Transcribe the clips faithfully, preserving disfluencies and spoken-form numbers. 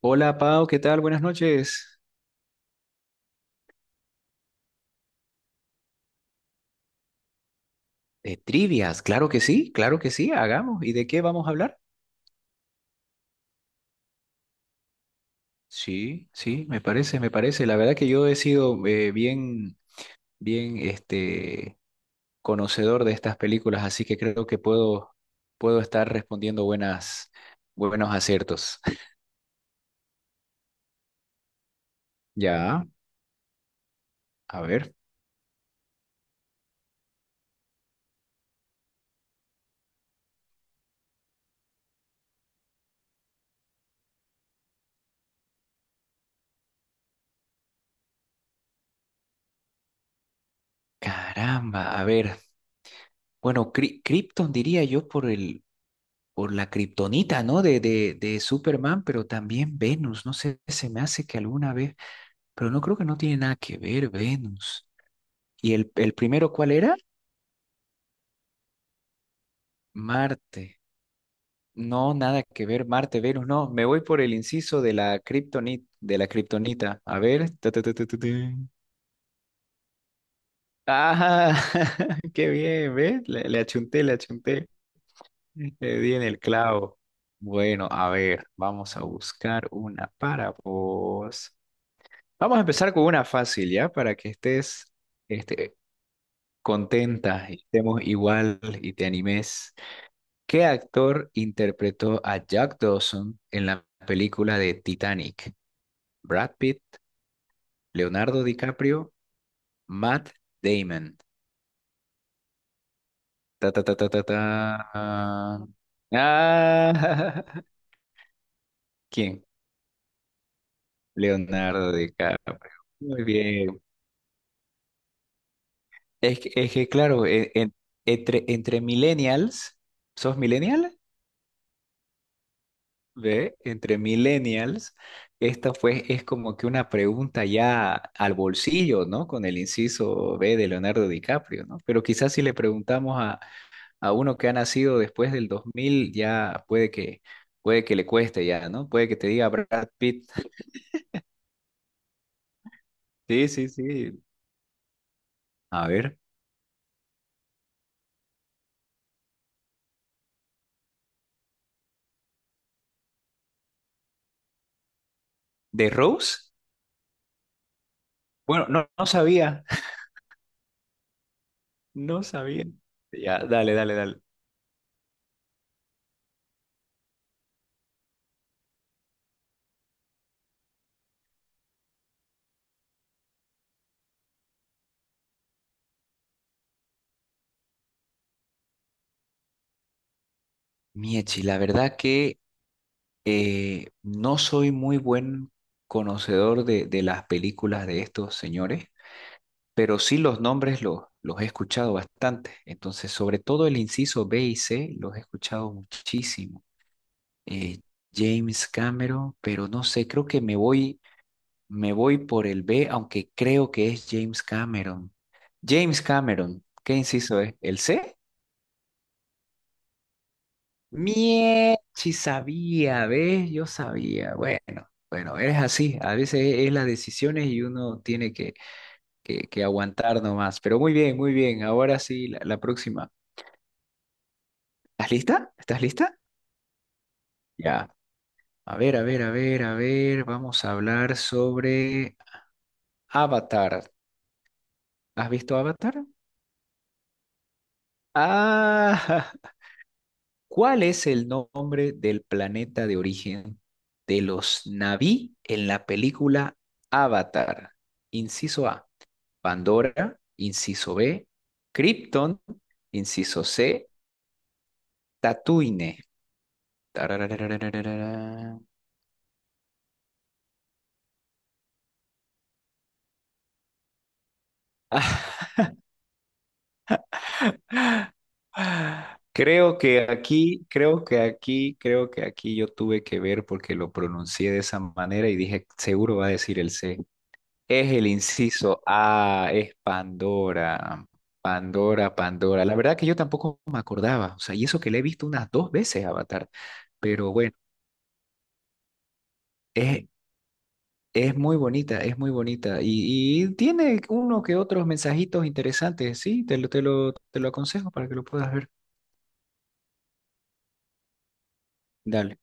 Hola Pau, ¿qué tal? Buenas noches. Eh, trivias, claro que sí, claro que sí, hagamos. ¿Y de qué vamos a hablar? Sí, sí, me parece, me parece. La verdad que yo he sido eh, bien, bien, este, conocedor de estas películas, así que creo que puedo, puedo estar respondiendo buenas, buenos aciertos. Ya, a ver. Caramba, a ver. Bueno, Cri- Krypton diría yo por el, por la kriptonita, ¿no? De, de, de Superman, pero también Venus. No sé, se me hace que alguna vez. Pero no creo, que no tiene nada que ver Venus. ¿Y el, el primero cuál era? Marte. No, nada que ver, Marte, Venus, no. Me voy por el inciso de la kriptonita, de la kriptonita. A ver. Ta, ta, ta, ta, ta, ta. Ah, qué bien, ¿ves? Le, le achunté, le achunté. Le di en el clavo. Bueno, a ver, vamos a buscar una para vos. Vamos a empezar con una fácil, ¿ya? Para que estés este, contenta y estemos igual y te animes. ¿Qué actor interpretó a Jack Dawson en la película de Titanic? Brad Pitt, Leonardo DiCaprio, Matt Damon. Ta, ta, ta, ta, ta, ta. Ah, ¿quién? Leonardo DiCaprio. Muy bien. Es que, es que claro, e- en- entre, entre millennials, ¿sos millennial? Ve, entre millennials, esta pues es como que una pregunta ya al bolsillo, ¿no? Con el inciso B de Leonardo DiCaprio, ¿no? Pero quizás si le preguntamos a, a uno que ha nacido después del dos mil, ya puede que, puede que le cueste ya, ¿no? Puede que te diga Brad Pitt. Sí, sí, sí. A ver, ¿de Rose? Bueno, no, no sabía, no sabía. Ya, dale, dale, dale. Miechi, la verdad que Eh, no soy muy buen conocedor de, de las películas de estos señores, pero sí los nombres los, los he escuchado bastante. Entonces, sobre todo el inciso B y C, los he escuchado muchísimo. Eh, James Cameron, pero no sé, creo que me voy, me voy por el B, aunque creo que es James Cameron. James Cameron, ¿qué inciso es? ¿El C? Mie, si sabía, ¿ves? Yo sabía. Bueno, bueno, es así. A veces es las decisiones y uno tiene que, que, que aguantar nomás. Pero muy bien, muy bien. Ahora sí, la, la próxima. ¿Estás lista? ¿Estás lista? Ya. A ver, a ver, a ver, a ver. Vamos a hablar sobre Avatar. ¿Has visto Avatar? Ah, ¿Cuál es el nombre del planeta de origen de los Na'vi en la película Avatar? Inciso A, Pandora. Inciso B, Krypton. Inciso C, Tatooine. Ah, creo que aquí, creo que aquí, creo que aquí yo tuve que ver porque lo pronuncié de esa manera y dije, seguro va a decir el C. Es el inciso A, es Pandora. Pandora, Pandora. La verdad que yo tampoco me acordaba. O sea, y eso que le he visto unas dos veces Avatar. Pero bueno, es, es muy bonita, es muy bonita. Y, y tiene uno que otros mensajitos interesantes. Sí, te lo, te lo, te lo aconsejo para que lo puedas ver. Dale.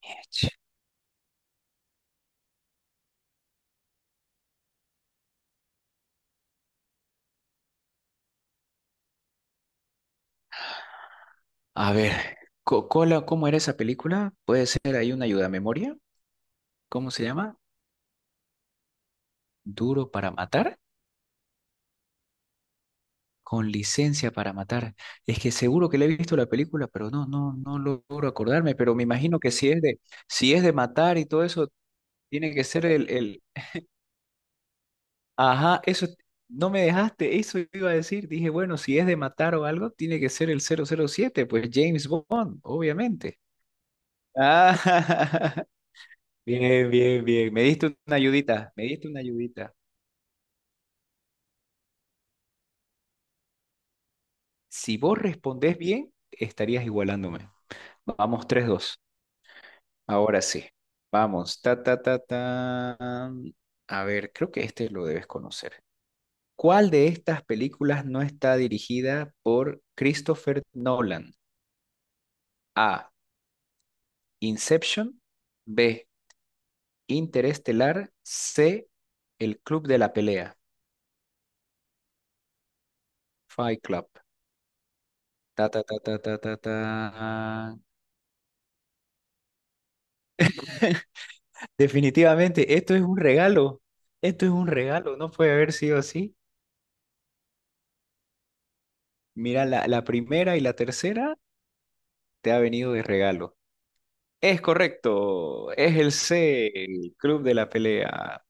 Ech. A ver, Co- Cola, ¿cómo era esa película? ¿Puede ser ahí una ayuda a memoria? ¿Cómo se llama? ¿Duro para matar? Con licencia para matar. Es que seguro que le he visto la película, pero no, no, no logro acordarme. Pero me imagino que si es de, si es de matar y todo eso, tiene que ser el, el, ajá, eso, no me dejaste, eso iba a decir. Dije, bueno, si es de matar o algo, tiene que ser el cero cero siete, pues James Bond, obviamente. Ah, bien, bien, bien. Me diste una ayudita, me diste una ayudita. Si vos respondés bien, estarías igualándome. Vamos, tres, dos. Ahora sí. Vamos. Ta, ta, ta, ta. A ver, creo que este lo debes conocer. ¿Cuál de estas películas no está dirigida por Christopher Nolan? A. Inception. B. Interestelar. C. El Club de la Pelea. Fight Club. Ta, ta, ta, ta, ta, ta, ta. Definitivamente, esto es un regalo. Esto es un regalo. No puede haber sido así. Mira, la, la primera y la tercera te ha venido de regalo. Es correcto, es el C, el Club de la Pelea.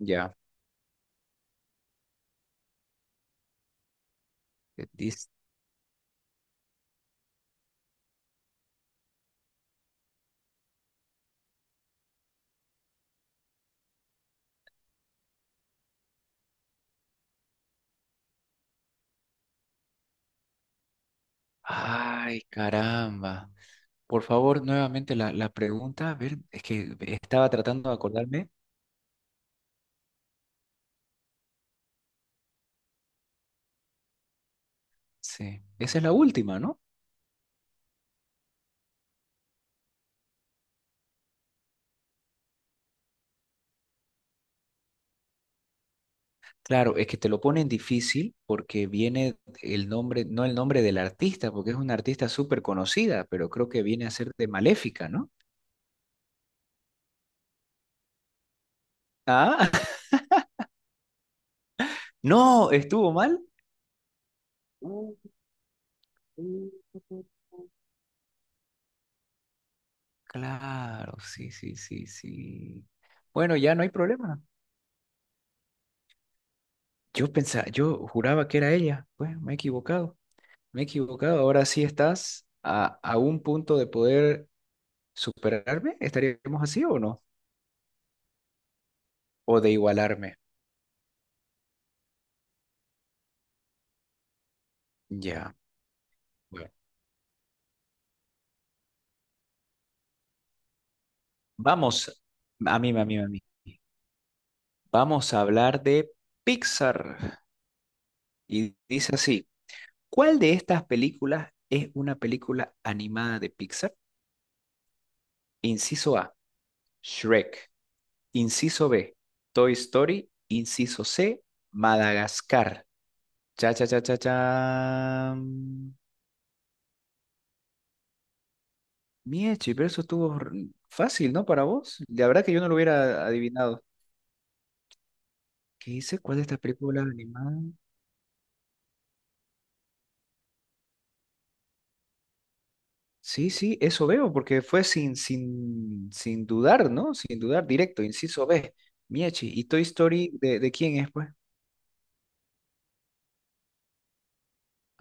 Ya. Dis- Ay, caramba. Por favor, nuevamente la, la pregunta. A ver, es que estaba tratando de acordarme. Sí, esa es la última, ¿no? Claro, es que te lo ponen difícil porque viene el nombre, no el nombre del artista, porque es una artista súper conocida, pero creo que viene a ser de Maléfica, ¿no? Ah, no, estuvo mal. Uh, uh. Claro, sí, sí, sí, sí. Bueno, ya no hay problema. Yo pensaba, yo juraba que era ella. Bueno, me he equivocado, me he equivocado. Ahora sí estás a, a un punto de poder superarme. ¿Estaríamos así o no? O de igualarme. Ya. Bueno, vamos, a mí, a mí, a mí. Vamos a hablar de Pixar. Y dice así, ¿cuál de estas películas es una película animada de Pixar? Inciso A, Shrek. Inciso B, Toy Story. Inciso C, Madagascar. Cha, cha, cha, cha, cha. Miechi, pero eso estuvo r- fácil, ¿no? Para vos. La verdad que yo no lo hubiera adivinado. ¿Qué dice? ¿Cuál de estas películas animadas? Sí, sí, eso veo, porque fue sin, sin, sin dudar, ¿no? Sin dudar, directo, inciso B. Miechi, ¿y Toy Story de, de quién es, pues?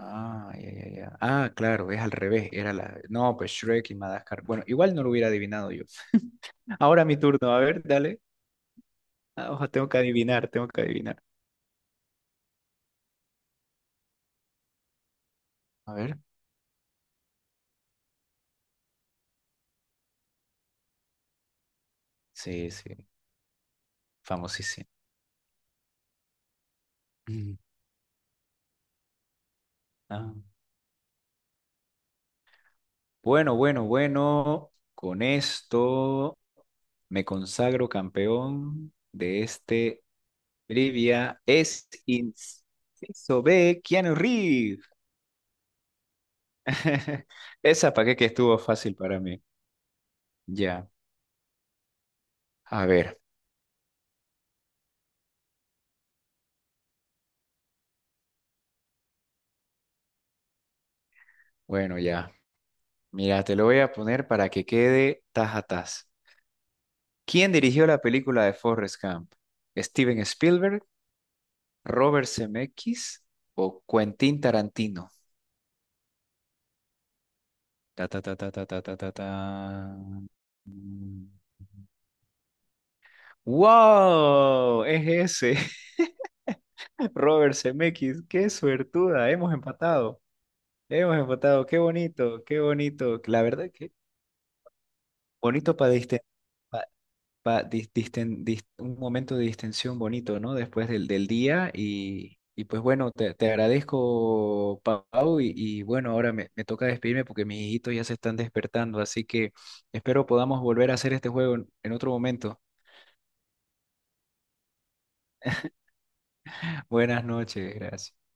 Ah, ya, ya, ya. Ah, claro, es al revés. Era la. No, pues Shrek y Madagascar. Bueno, igual no lo hubiera adivinado yo. Ahora mi turno, a ver, dale. Ah, ojo, tengo que adivinar, tengo que adivinar. A ver. Sí, sí, famosísimo. Mm. Ah, bueno, bueno, bueno. Con esto me consagro campeón de este trivia. Es inciso B, Keanu Reeves. Esa para qué, que estuvo fácil para mí. Ya. A ver, bueno, ya. Mira, te lo voy a poner para que quede tas a tas. ¿Quién dirigió la película de Forrest Gump? ¿Steven Spielberg, Robert Zemeckis o Quentin Tarantino? Ta, ta, ta, ta, ta, ta, ta, ta, ta. Mm. ¡Wow! Es ese, Robert Zemeckis. ¡Qué suertuda! Hemos empatado. Hemos empatado. ¡Qué bonito! ¡Qué bonito! La verdad que bonito para distender. Pa- dis- disten- dis- un momento de distensión bonito, ¿no? Después del, del día y, y pues bueno, te, te agradezco, Pau, y, y bueno, ahora me, me toca despedirme porque mis hijitos ya se están despertando, así que espero podamos volver a hacer este juego en en otro momento. Buenas noches, gracias.